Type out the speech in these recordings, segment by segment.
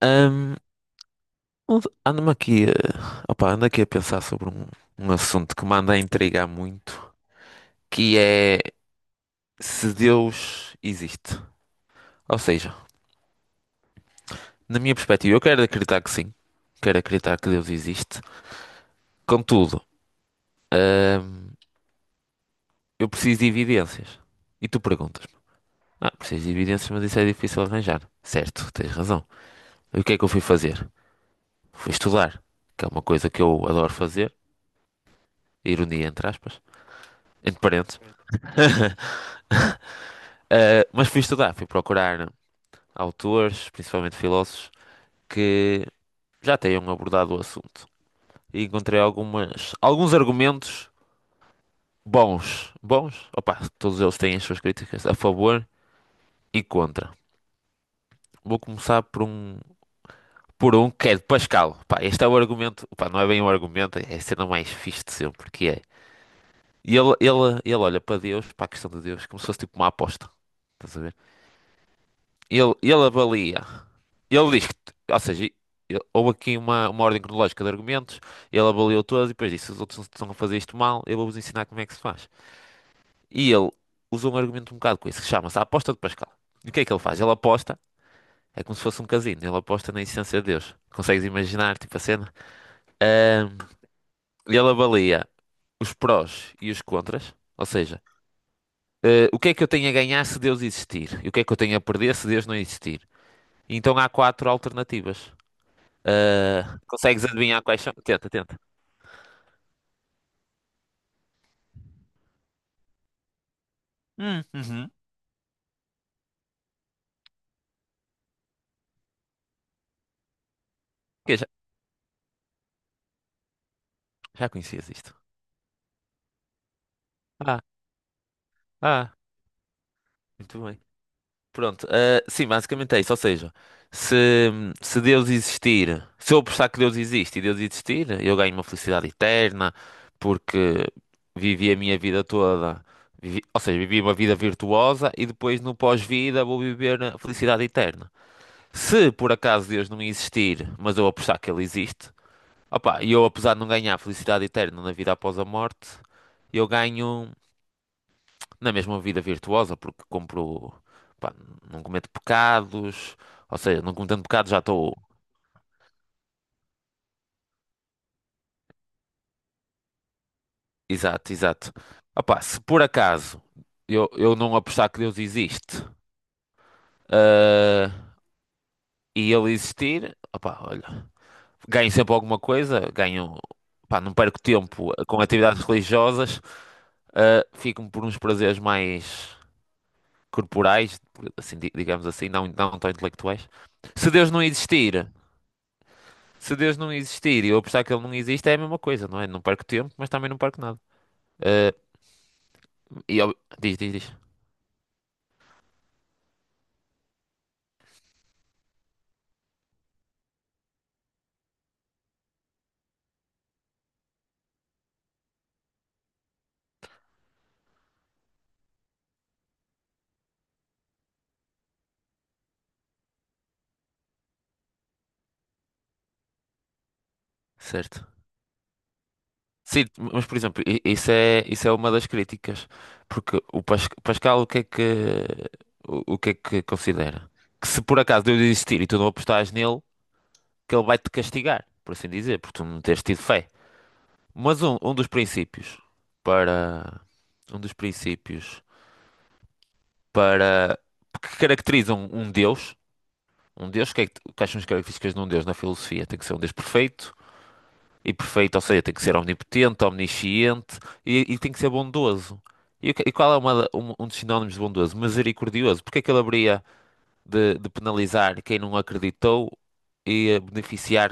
Ahm, ando-me aqui, ando aqui a pensar sobre um assunto que me anda a intrigar muito, que é se Deus existe. Ou seja, na minha perspectiva, eu quero acreditar que sim, quero acreditar que Deus existe. Contudo, ahm, eu preciso de evidências. E tu perguntas-me, ah, preciso de evidências, mas isso é difícil arranjar. Certo, tens razão. E o que é que eu fui fazer? Fui estudar, que é uma coisa que eu adoro fazer, ironia entre aspas, entre parênteses. Mas fui estudar, fui procurar autores, principalmente filósofos, que já tenham abordado o assunto. E encontrei alguns argumentos bons. Bons? Opa, todos eles têm as suas críticas a favor e contra. Vou começar por um que é de Pascal. Pá, este é o argumento, pá, não é bem um argumento, é a cena mais fixe de sempre, que é. E Ele olha para Deus, para a questão de Deus, como se fosse tipo uma aposta. Estás a ver? Ele avalia. Ele diz que, ou seja, houve aqui uma ordem cronológica de argumentos, ele avaliou todos e depois disse: os outros estão a fazer isto mal, eu vou-vos ensinar como é que se faz. E ele usou um argumento um bocado com isso, que chama-se a aposta de Pascal. E o que é que ele faz? Ele aposta, é como se fosse um casino, ele aposta na existência de Deus. Consegues imaginar, tipo a cena? Ahm, ele avalia os prós e os contras, ou seja, o que é que eu tenho a ganhar se Deus existir? E o que é que eu tenho a perder se Deus não existir? Então há quatro alternativas. Ah, consegues adivinhar quais são? Tenta, tenta. Uhum. Ok, já conhecias isto. Ah, ah, muito bem. Pronto, ah, sim, basicamente é isso. Ou seja, se, se Deus existir, se eu apostar que Deus existe e Deus existir, eu ganho uma felicidade eterna porque vivi a minha vida toda, ou seja, vivi uma vida virtuosa e depois no pós-vida vou viver a felicidade eterna. Se por acaso Deus não existir, mas eu apostar que ele existe. Opa, e eu apesar de não ganhar felicidade eterna na vida após a morte, eu ganho na mesma vida virtuosa, porque compro, pá, não cometo pecados, ou seja, não cometendo pecados já estou. Exato, exato. Opa, se por acaso eu não apostar que Deus existe, ah, e ele existir, opa, olha, ganho sempre alguma coisa, ganho, pá, não perco tempo com atividades religiosas, ah, fico por uns prazeres mais corporais, assim, digamos assim, não tão intelectuais. Se Deus não existir, se Deus não existir e eu apostar que ele não existe, é a mesma coisa, não é? Não perco tempo, mas também não perco nada. Eh, e, diz, diz, diz. Certo. Sim, mas por exemplo, isso é uma das críticas, porque o Pascal, o que é que, o que é que considera? Que se por acaso Deus existir e tu não apostares nele, que ele vai-te castigar, por assim dizer, porque tu não tens tido fé. Mas um dos princípios para um dos princípios para que caracterizam um Deus, que é que, quais são as características de um Deus na filosofia? Tem que ser um Deus perfeito, e perfeito, ou seja, tem que ser omnipotente, omnisciente e tem que ser bondoso. E, e qual é um dos sinónimos de bondoso? Misericordioso. Porque é que ele haveria de penalizar quem não acreditou e beneficiar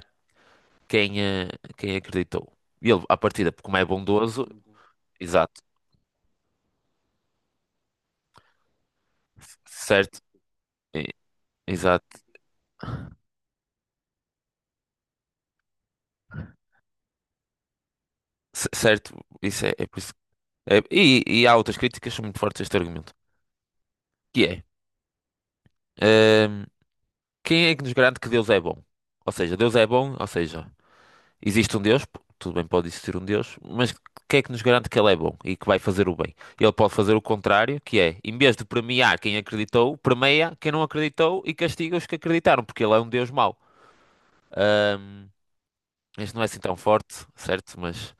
quem, quem acreditou? E ele, à partida, como é bondoso, exato, certo? E- Exato, certo, isso é, é por isso. E, e há outras críticas que são muito fortes a este argumento, que é, ehm, quem é que nos garante que Deus é bom? Ou seja, Deus é bom, ou seja, existe um Deus, tudo bem, pode existir um Deus, mas quem é que nos garante que ele é bom e que vai fazer o bem? Ele pode fazer o contrário, que é, em vez de premiar quem acreditou, premia quem não acreditou e castiga os que acreditaram, porque ele é um Deus mau. Ehm, este não é assim tão forte, certo? Mas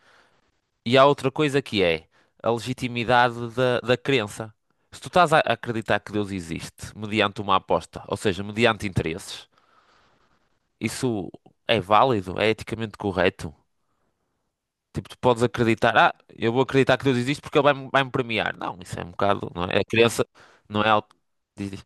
e há outra coisa que é a legitimidade da crença. Se tu estás a acreditar que Deus existe mediante uma aposta, ou seja, mediante interesses, isso é válido? É eticamente correto? Tipo, tu podes acreditar, ah, eu vou acreditar que Deus existe porque ele vai-me premiar. Não, isso é um bocado, não é? A crença não é algo. Diz, diz.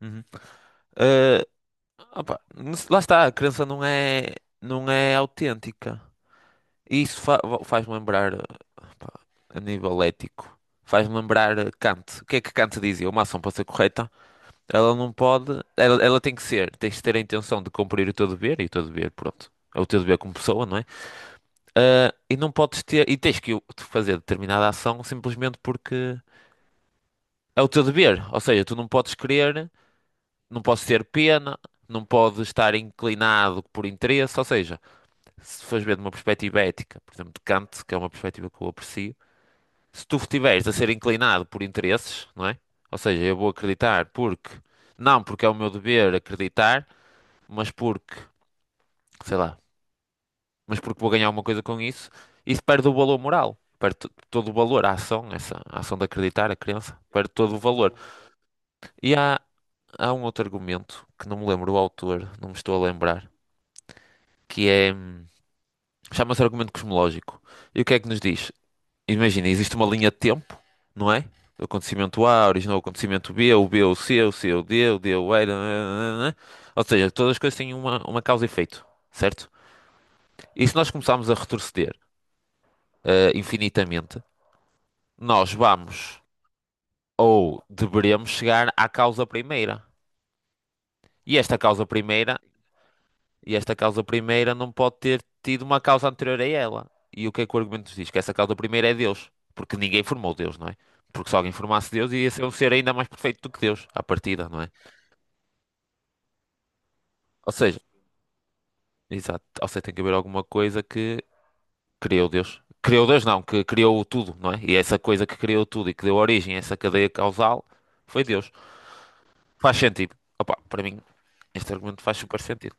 Uhum. Eh, opa, lá está, a crença não é, não é autêntica. E isso faz-me lembrar pá, a nível ético. Faz-me lembrar Kant. O que é que Kant dizia? Uma ação para ser correta, ela não pode. Ela tem que ser. Tens de ter a intenção de cumprir o teu dever, e o teu dever, pronto. É o teu dever como pessoa, não é? Ah, e não podes ter. E tens que fazer determinada ação simplesmente porque é o teu dever. Ou seja, tu não podes querer, não podes ter pena, não podes estar inclinado por interesse. Ou seja, se fores ver de uma perspectiva ética, por exemplo, de Kant, que é uma perspectiva que eu aprecio. Se tu estiveres a ser inclinado por interesses, não é? Ou seja, eu vou acreditar porque, não porque é o meu dever acreditar, mas porque, sei lá, mas porque vou ganhar alguma coisa com isso, isso perde o valor moral. Perde todo o valor, a ação, essa a ação de acreditar, a crença, perde todo o valor. E há um outro argumento que não me lembro o autor, não me estou a lembrar, que é, chama-se argumento cosmológico. E o que é que nos diz? Imagina, existe uma linha de tempo, não é? Do acontecimento A originou o acontecimento B, o B o C, o C o D, o D o E, nananana. Ou seja, todas as coisas têm uma causa e efeito, certo? E se nós começarmos a retroceder infinitamente, nós vamos ou deveremos chegar à causa primeira. E esta causa primeira. E esta causa primeira não pode ter tido uma causa anterior a ela. E o que é que o argumento nos diz? Que essa causa primeira é Deus. Porque ninguém formou Deus, não é? Porque se alguém formasse Deus, ia ser um ser ainda mais perfeito do que Deus, à partida, não é? Ou seja, exato. Ou seja, tem que haver alguma coisa que criou Deus. Criou Deus, não, que criou tudo, não é? E essa coisa que criou tudo e que deu origem a essa cadeia causal foi Deus. Faz sentido. Opa, para mim, este argumento faz super sentido.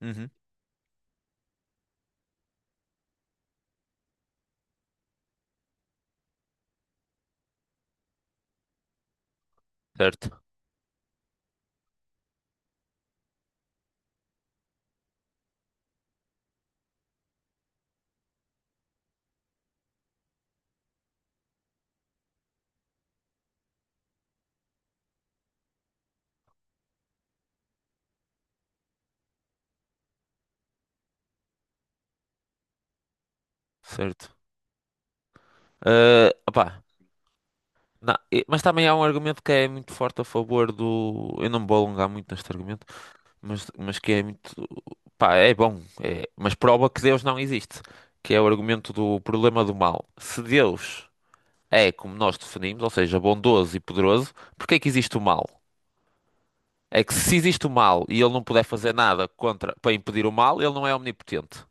Uhum. Certo, certo. Ah, opá, não, mas também há um argumento que é muito forte a favor do. Eu não me vou alongar muito neste argumento, mas que é muito. Pá, é bom, mas prova que Deus não existe, que é o argumento do problema do mal. Se Deus é como nós definimos, ou seja, bondoso e poderoso, porque é que existe o mal? É que se existe o mal e ele não puder fazer nada contra para impedir o mal, ele não é omnipotente.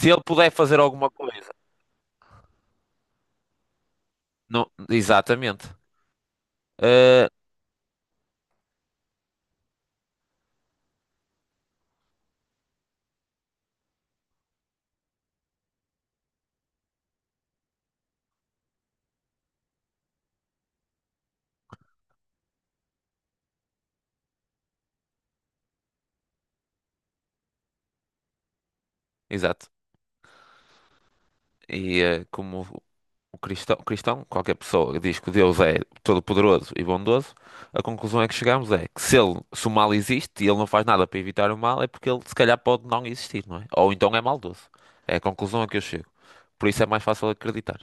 Se ele puder fazer alguma coisa, não, exatamente. Ah, exato. E como o cristão, o cristão, qualquer pessoa que diz que Deus é todo-poderoso e bondoso, a conclusão é que chegamos é que se, ele, se o mal existe e ele não faz nada para evitar o mal, é porque ele se calhar pode não existir, não é? Ou então é maldoso. É a conclusão a que eu chego. Por isso é mais fácil acreditar.